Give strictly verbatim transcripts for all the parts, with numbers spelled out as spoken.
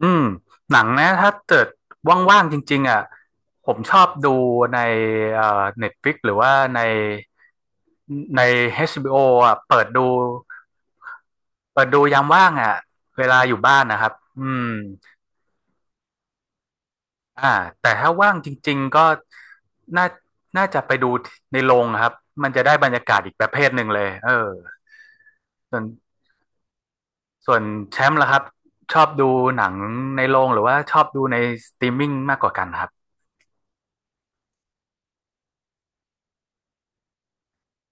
อืมหนังนะถ้าเกิดว่างๆจริงๆอ่ะผมชอบดูในเอ่อ Netflix หรือว่าในใน เอช บี โอ อชบีโออ่ะเปิดดูเปิดดูยามว่างอ่ะเวลาอยู่บ้านนะครับอืมอ่าแต่ถ้าว่างจริงๆก็น่าน่าจะไปดูในโรงครับมันจะได้บรรยากาศอีกประเภทหนึ่งเลยเออส่วนส่วนแชมป์ล่ะครับชอบดูหนังในโรงหรือว่าชอบดูในสตรีมมิ่งมากกว่ากันครับ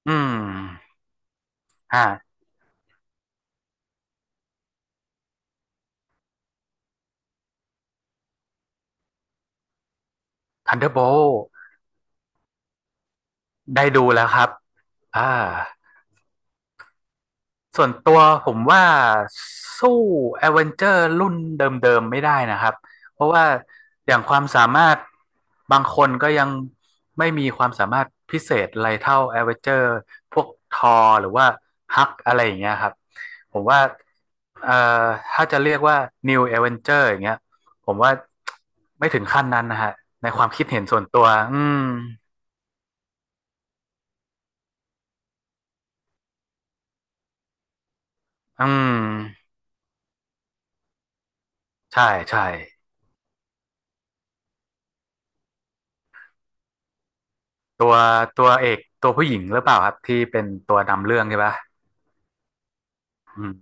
อืมอ่าทันเดอร์โบ ได้ดูแล้วครับอ่าส่วนตัวผมว่าสู้ a อเวนเจอร์รุ่นเดิมๆไม่ได้นะครับ เพราะว่าอย่างความสามารถบางคนก็ยังไม่มีความสามารถพิเศษอะไรเท่า a อเวนเจอร์พวกทอร์หรือว่าฮักอะไรอย่างเงี้ยครับ ผมว่าเอ่อถ้าจะเรียกว่า New Avenger อย่างเงี้ยผมว่าไม่ถึงขั้นนั้นนะฮะในความคิดเห็นส่วนตัวอืมอืมใช่ใช่ ตัวตัวเอกตัวผู้หญิงหรือเปล่าครับที่เป็นตัวนำเรื่องใช่ปะอืม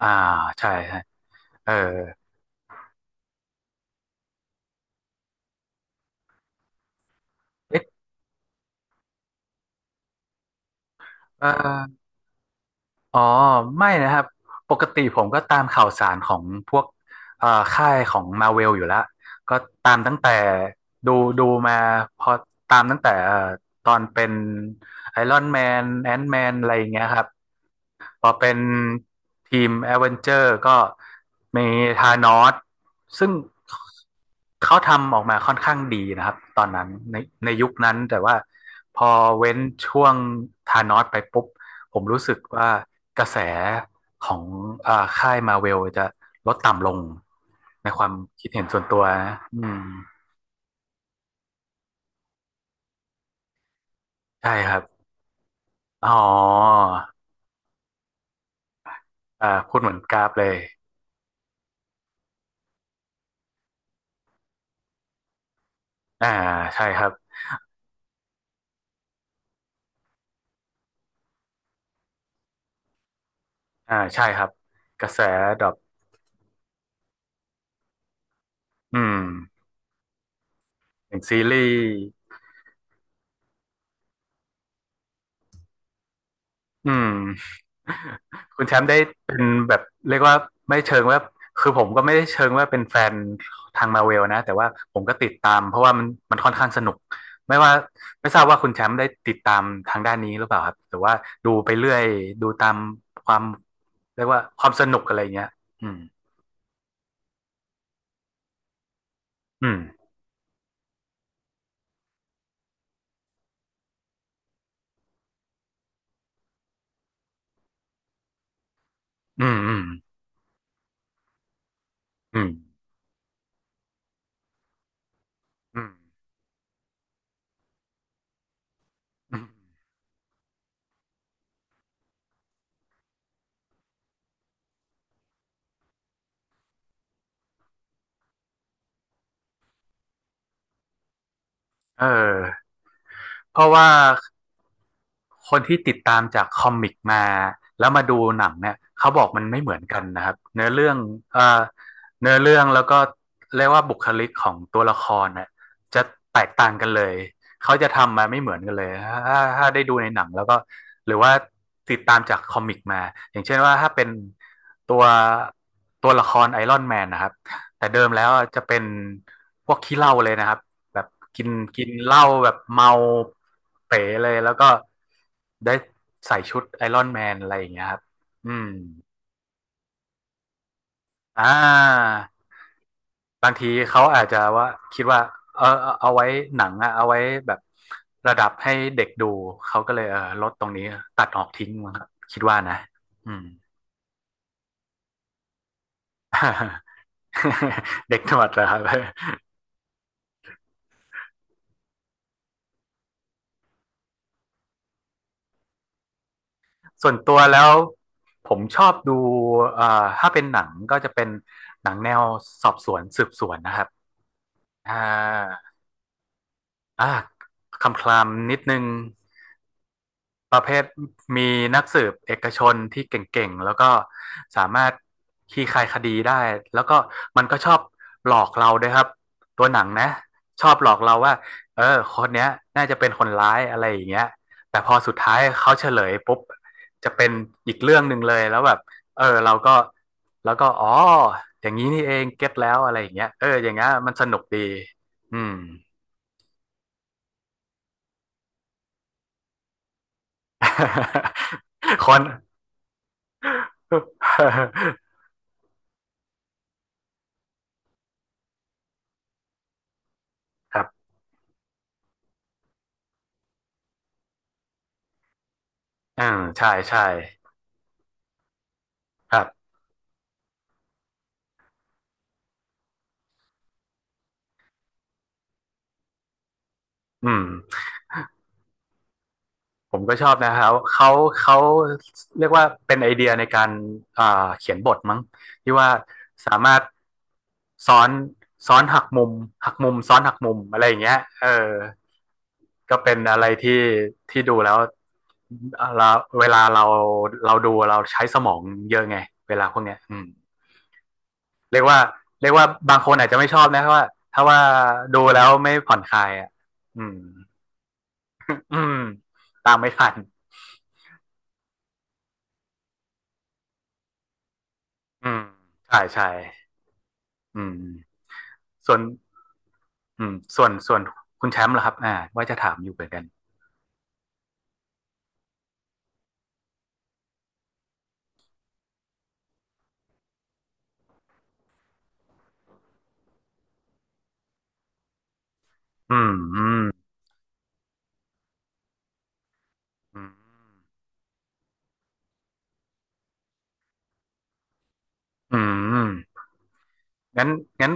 อ่าใช่ใช่เออเอ๊ะเอออ๋อไม่นะครับปกติผมก็ตามข่าวสารของพวกเอ่อค่ายของมาเวลอยู่แล้วก็ตามตั้งแต่ดูดูมาพอตามตั้งแต่เอ่อตอนเป็นไอรอนแมนแอน m ์แมนอะไรอย่างเงี้ยครับ พอเป็นทีมแอดเวนเจอร์ก็มีธานอสซึ่งเขาทำออกมาค่อนข้างดีนะครับตอนนั้นในในยุคนั้นแต่ว่าพอเว้นช่วงธานอสไปปุ๊บผมรู้สึกว่ากระแสของอ่าค่ายมาเวลจะลดต่ำลงในความคิดเห็นส่วนตัวนะอืมใช่ครับอ๋ออ่าพูดเหมือนกราฟเลยอ่าใช่ครับอ่าใช่ครับกระแสดรอปอืม อย่างซีรีส์อืม คุณแชมป์ได้เป็นแบบเรียกว่าไม่เชิงว่าคือผมก็ไม่ได้เชิงว่าเป็นแฟนทางมาเวลนะแต่ว่าผมก็ติดตามเพราะว่ามันมันค่อนข้างสนุกไม่ว่าไม่ทราบว่าคุณแชมป์ได้ติดตามทางด้านนี้หรือเปล่าครับหรือว่าดูไปเรื่อยดูตามความเรียกว่าความสนุกอะไรเงี้ยอืมอืมอืมอืมอืมอืมเออเพราะว่า คนที่ติดตามจากคอมิกมาแล้วมาดูหนังเนี่ยเขาบอกมันไม่เหมือนกันนะครับเนื้อเรื่องเอ่อเนื้อเรื่องแล้วก็เรียกว่าบุคลิกของตัวละครเนี่ยจะแตกต่างกันเลยเขาจะทำมาไม่เหมือนกันเลยถ้าถ้าได้ดูในหนังแล้วก็หรือว่าติดตามจากคอมิกมาอย่างเช่นว่าถ้าเป็นตัวตัวละครไอรอนแมนนะครับแต่เดิมแล้วจะเป็นพวกขี้เหล้าเลยนะครับ แบบกินกินเหล้าแบบเมาเป๋เลยแล้วก็ได้ใส่ชุดไอรอนแมนอะไรอย่างเงี้ยครับอืมอ่าบางทีเขาอาจจะว่าคิดว่าเออเอาเอาไว้หนังอะเอาไว้แบบระดับให้เด็กดูเขาก็เลยเออลดตรงนี้ตัดออกทิ้งมั้งครับคิดว่านะอืม เด็กหนวดเหรอครับ ส่วนตัวแล้วผมชอบดูเอ่อถ้าเป็นหนังก็จะเป็นหนังแนวสอบสวนสืบสวนนะครับ อ่าอ่าคำคลามนิดนึงประเภทมีนักสืบเอกชนที่เก่งๆ แล้วก็สามารถขี่ครายคดีได้แล้วก็มันก็ชอบหลอกเราด้วยครับตัวหนังนะชอบหลอกเราว่าเออคนเนี้ยน่าจะเป็นคนร้ายอะไรอย่างเงี้ยแต่พอสุดท้ายเขาเฉลยปุ๊บจะเป็นอีกเรื่องหนึ่งเลยแล้วแบบเออเราก็แล้วก็อ๋ออย่างนี้นี่เองเก็ตแล้วอะไรอย่างเงี้ยเอออย่างเงี้ยมันสนุกดีอืม คอน ครับอ่าใช่ใช่ครับอืมผมก็ชอบนะครับเขาเขาเรียกว่าเป็นไอเดียในการอ่าเขียนบทมั้งที่ว่าสามารถซ้อนซ้อนหักมุมหักมุมซ้อนหักมุมอะไรอย่างเงี้ยเออก็เป็นอะไรที่ที่ดูแล้วเราเวลาเราเราดูเราใช้สมองเยอะไงเวลาพวกเนี้ยอืม เรียกว่าเรียกว่าบางคนอาจจะไม่ชอบนะเพราะว่าถ้าว่าดูแล้วไม่ผ่อนคลายอ่ะอืมอืมตามไม่ทันอืมใช่ใช่อืมส่วนอืมส่วนส่วนคุณแชมป์เหรอครับอ่าว่าจะถามอยู่เหมือนกันอืมอืมอืมอืมงั้นงั้น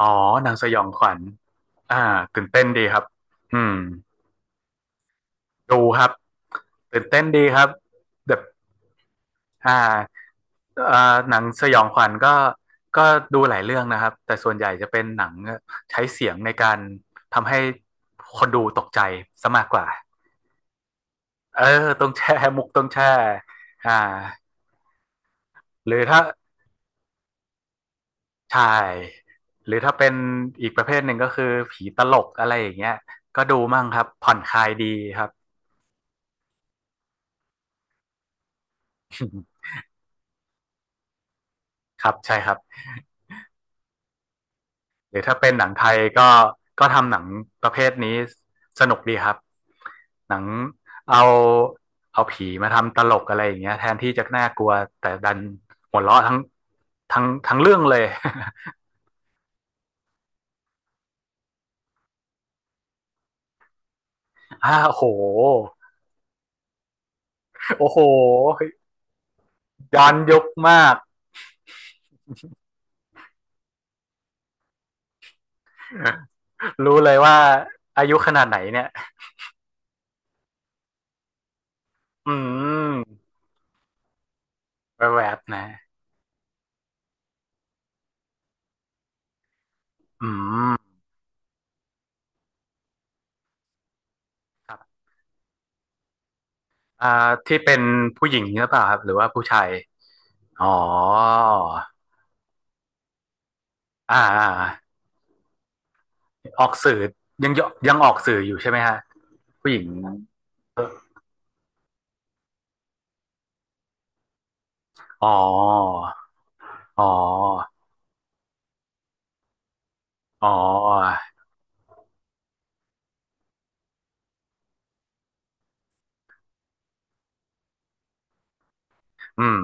อ๋อหนังสยองขวัญอ่าตื่นเต้นดีครับอืมดูครับตื่นเต้นดีครับแบบ อ่าเอ่อหนังสยองขวัญก็ก็ดูหลายเรื่องนะครับแต่ส่วนใหญ่จะเป็นหนังใช้เสียงในการทำให้คนดูตกใจซะมากกว่าเออต้องแช่มุกต้องแช่อ่าหรือถ้าใช่หรือถ้าเป็นอีกประเภทหนึ่งก็คือผีตลกอะไรอย่างเงี้ยก็ดูมั่งครับ ผ่อนคลายดีครับ ครับใช่ครับ หรือถ้าเป็นหนังไทยก็ก็ทำหนังประเภทนี้สนุกดีครับ หนังเอาเอาผีมาทำตลกอะไรอย่างเงี้ยแทนที่จะน่ากลัวแต่ดันหัวเราะทั้งทั้งทั้งเรื่องเลย อ้าโหโอ้โหย้อนยุคมากรู้เลยว่าอายุขนาดไหนเนี่ยอืมแวบๆนะอืมครับอ่าที่เป็นผู้หญิงหรือเปล่าครับหรือว่าผู้ชาย อ๋อออ่าออกสื่อยังยังออกสื่ออยู่ใช่ไหมฮะผู้หญิงอ๋อ อ๋ออ๋ออืม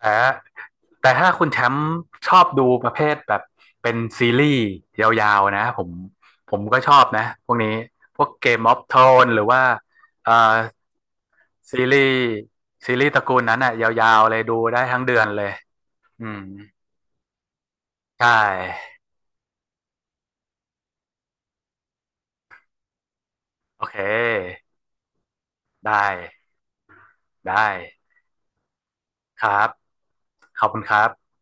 แต่แต่ถ้าคุณแชมป์ชอบดูประเภทแบบเป็นซีรีส์ยาวๆนะผมผมก็ชอบนะพวกนี้พวกเกมออฟโทนหรือว่าเอ่อซีรีส์ซีรีส์ตระกูลนั้นอ่ะยาวๆเลยดูได้ทั้งเดือนเลยอืมใช่โอเคได้ได้ครับขอบคุณครับ